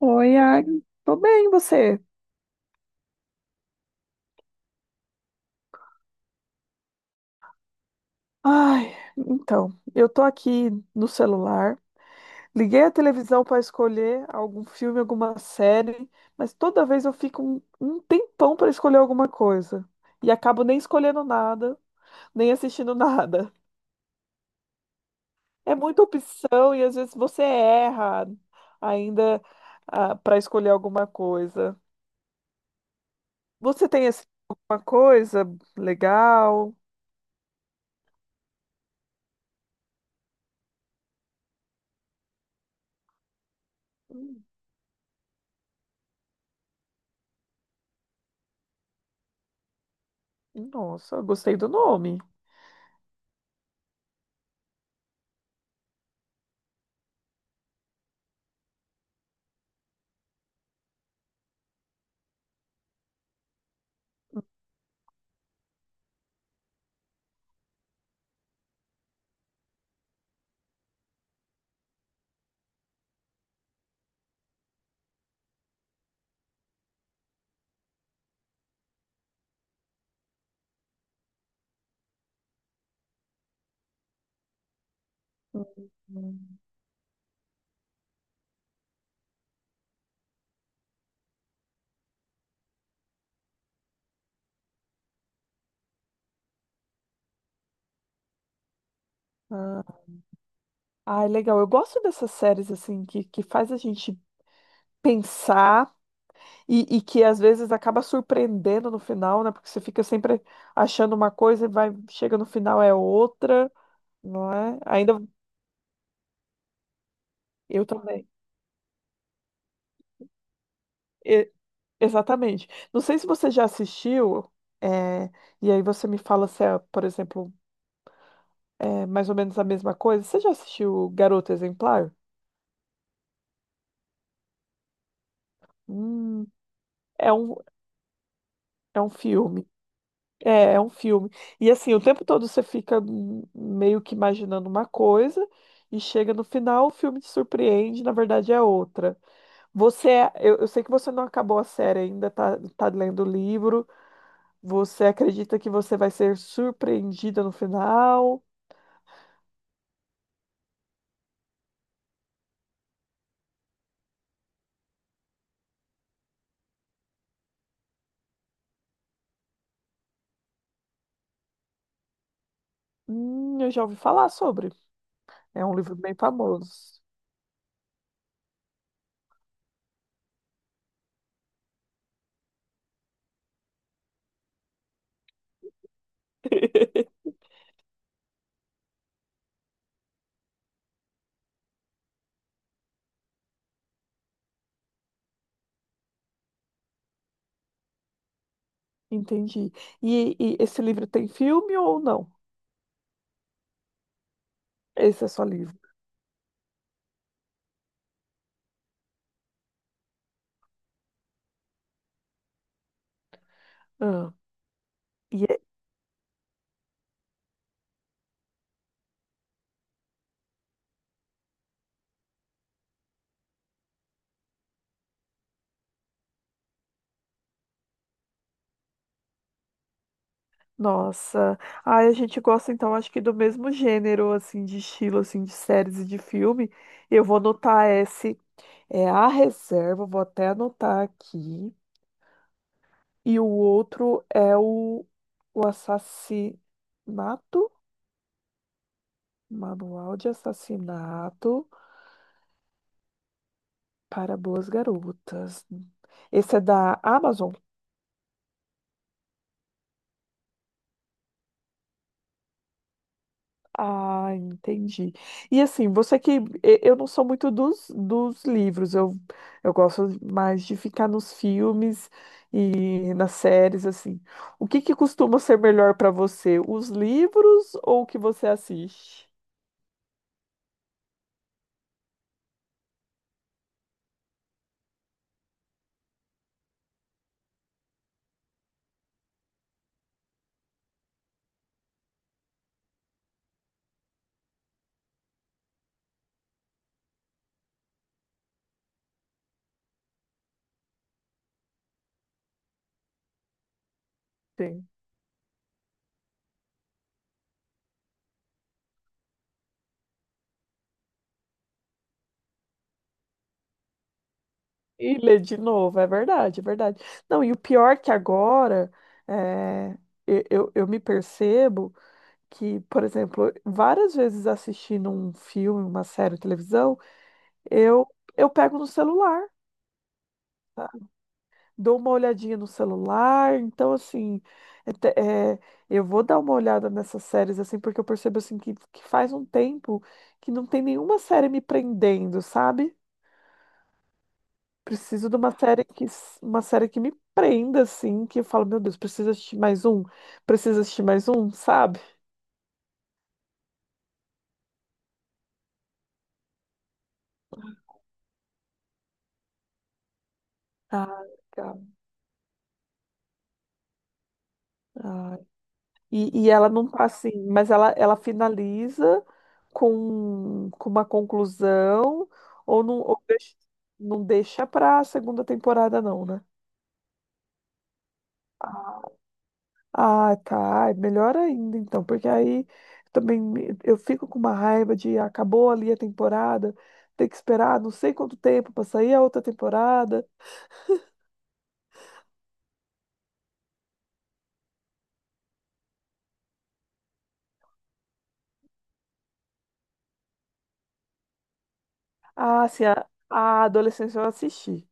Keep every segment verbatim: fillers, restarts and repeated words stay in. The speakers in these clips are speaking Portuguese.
Oi, Agnes. Tô bem, e você? Ai, então, eu tô aqui no celular. Liguei a televisão para escolher algum filme, alguma série, mas toda vez eu fico um, um tempão para escolher alguma coisa. E acabo nem escolhendo nada, nem assistindo nada. É muita opção e às vezes você erra ainda para escolher alguma coisa. Você tem assim, alguma coisa legal? Hum. Nossa, gostei do nome. Hum. Ah, ai, legal. Eu gosto dessas séries assim que, que faz a gente pensar e, e que às vezes acaba surpreendendo no final, né? Porque você fica sempre achando uma coisa e vai, chega no final é outra, não é? Ainda eu também. E- Exatamente. Não sei se você já assistiu, é, e aí você me fala se é, por exemplo, é mais ou menos a mesma coisa. Você já assistiu Garota Exemplar? Hum, é um, é um filme. É, é um filme. E assim, o tempo todo você fica hum, meio que imaginando uma coisa e chega no final, o filme te surpreende, na verdade é outra. Você, é- eu, eu sei que você não acabou a série ainda, tá, tá lendo o livro. Você acredita que você vai ser surpreendida no final? Hum, eu já ouvi falar sobre. É um livro bem famoso. Entendi. E, e esse livro tem filme ou não? Esse é só livro. Ah. E nossa, ai, a gente gosta então, acho que do mesmo gênero, assim, de estilo, assim, de séries e de filme. Eu vou anotar esse, é A Reserva, vou até anotar aqui. E o outro é o, o Assassinato, Manual de Assassinato para Boas Garotas. Esse é da Amazon? Ah, entendi. E assim, você que. e- Eu não sou muito dos, dos livros, eu, eu gosto mais de ficar nos filmes e nas séries, assim. O que que costuma ser melhor para você, os livros ou o que você assiste? Sim. E ler de novo, é verdade, é verdade. Não, e o pior é que agora é, eu, eu eu me percebo que, por exemplo, várias vezes assistindo um filme, uma série, televisão, Eu, eu pego no celular, tá? Dou uma olhadinha no celular, então assim, é te- é, eu vou dar uma olhada nessas séries assim, porque eu percebo assim que, que faz um tempo que não tem nenhuma série me prendendo, sabe? Preciso de uma série que s- uma série que me prenda assim, que eu falo, meu Deus, preciso assistir mais um, preciso assistir mais um, sabe? Ah, legal. Ah, E, e ela não tá assim, mas ela, ela finaliza com, com uma conclusão, ou não, ou deixa, não deixa pra segunda temporada, não, né? Ah, ah, tá. É melhor ainda, então, porque aí também me- eu fico com uma raiva de acabou ali a temporada, ter que esperar não sei quanto tempo pra sair a outra temporada. Ah, assim, a, a adolescência eu assisti.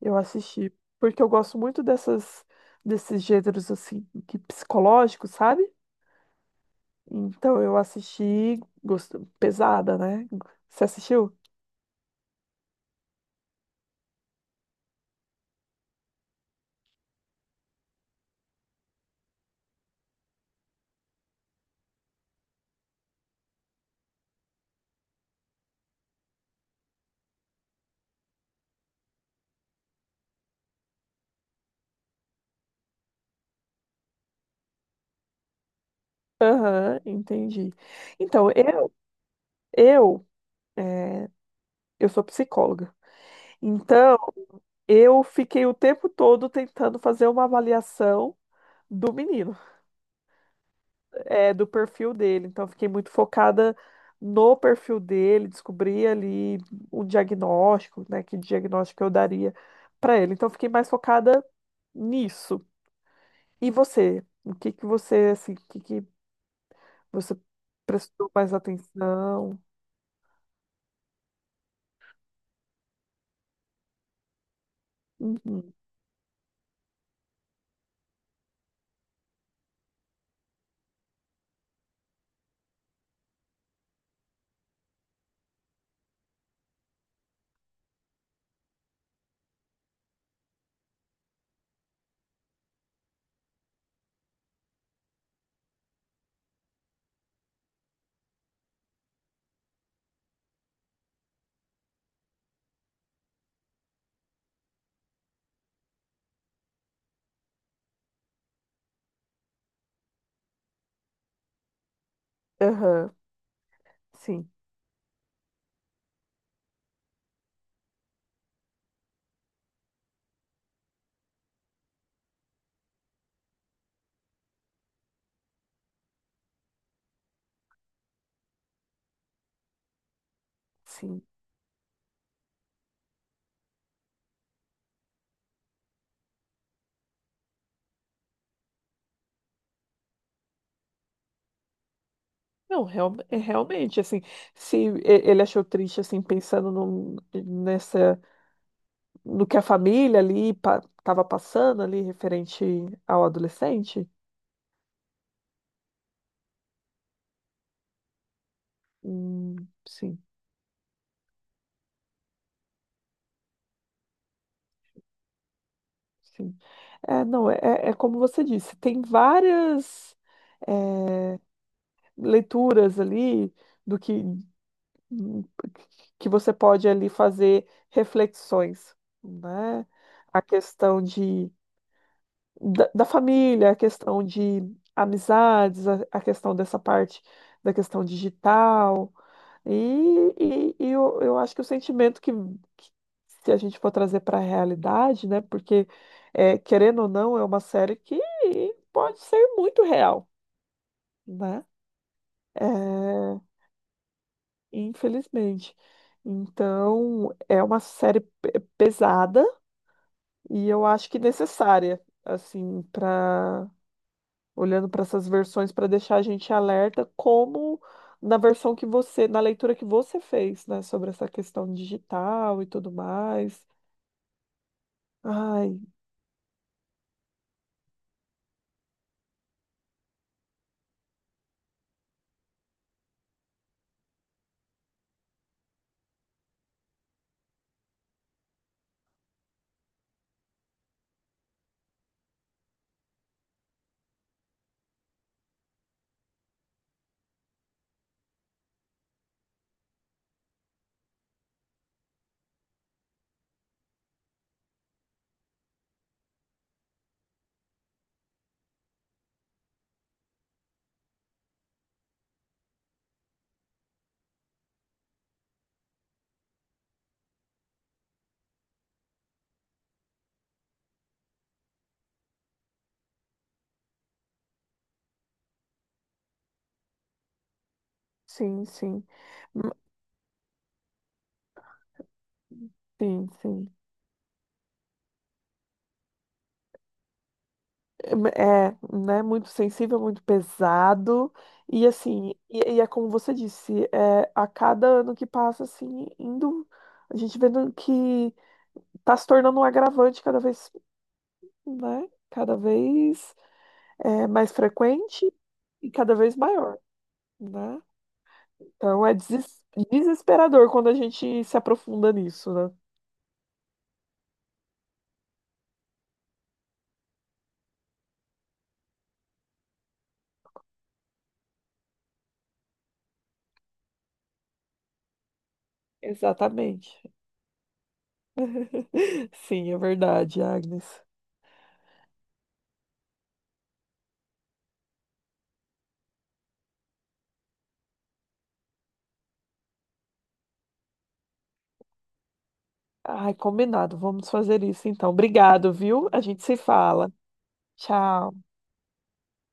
Eu assisti, porque eu gosto muito dessas desses gêneros assim, que psicológicos, sabe? Então eu assisti, gosto, pesada, né? Você assistiu? Aham, entendi. Então, eu eu é, eu sou psicóloga. Então, eu fiquei o tempo todo tentando fazer uma avaliação do menino. É, do perfil dele. Então, eu fiquei muito focada no perfil dele, descobri ali o diagnóstico, né? Que diagnóstico eu daria para ele. Então, eu fiquei mais focada nisso. E você? O que que você, assim, o que que você prestou mais atenção? Uhum. Aham. Sim, sim. Não, real- É realmente, assim, se e- ele achou triste, assim, pensando num- nessa no que a família ali estava passando ali referente ao adolescente? Hum, sim, sim. É, não, é, é é como você disse, tem várias leituras ali do que, que você pode ali fazer reflexões, né? A questão de da, da família, a questão de amizades, a, a questão dessa parte da questão digital. E, e, e eu, eu acho que o sentimento que, que se a gente for trazer para a realidade, né? Porque, é, querendo ou não, é uma série que pode ser muito real, né? É, infelizmente. Então, é uma série pe- pesada e eu acho que necessária, assim, para olhando para essas versões para deixar a gente alerta, como na versão que você, na leitura que você fez, né, sobre essa questão digital e tudo mais. Ai, sim, sim. M-. Sim, sim. É, né, muito sensível, muito pesado. E assim, e, e é como você disse, é, a cada ano que passa, assim, indo, a gente vendo que tá se tornando um agravante cada vez, né, cada vez é, mais frequente e cada vez maior. Né? Então é deses- desesperador quando a gente se aprofunda nisso, né? Exatamente. Sim, é verdade, Agnes. Ai, combinado. Vamos fazer isso então. Obrigado, viu? A gente se fala. Tchau.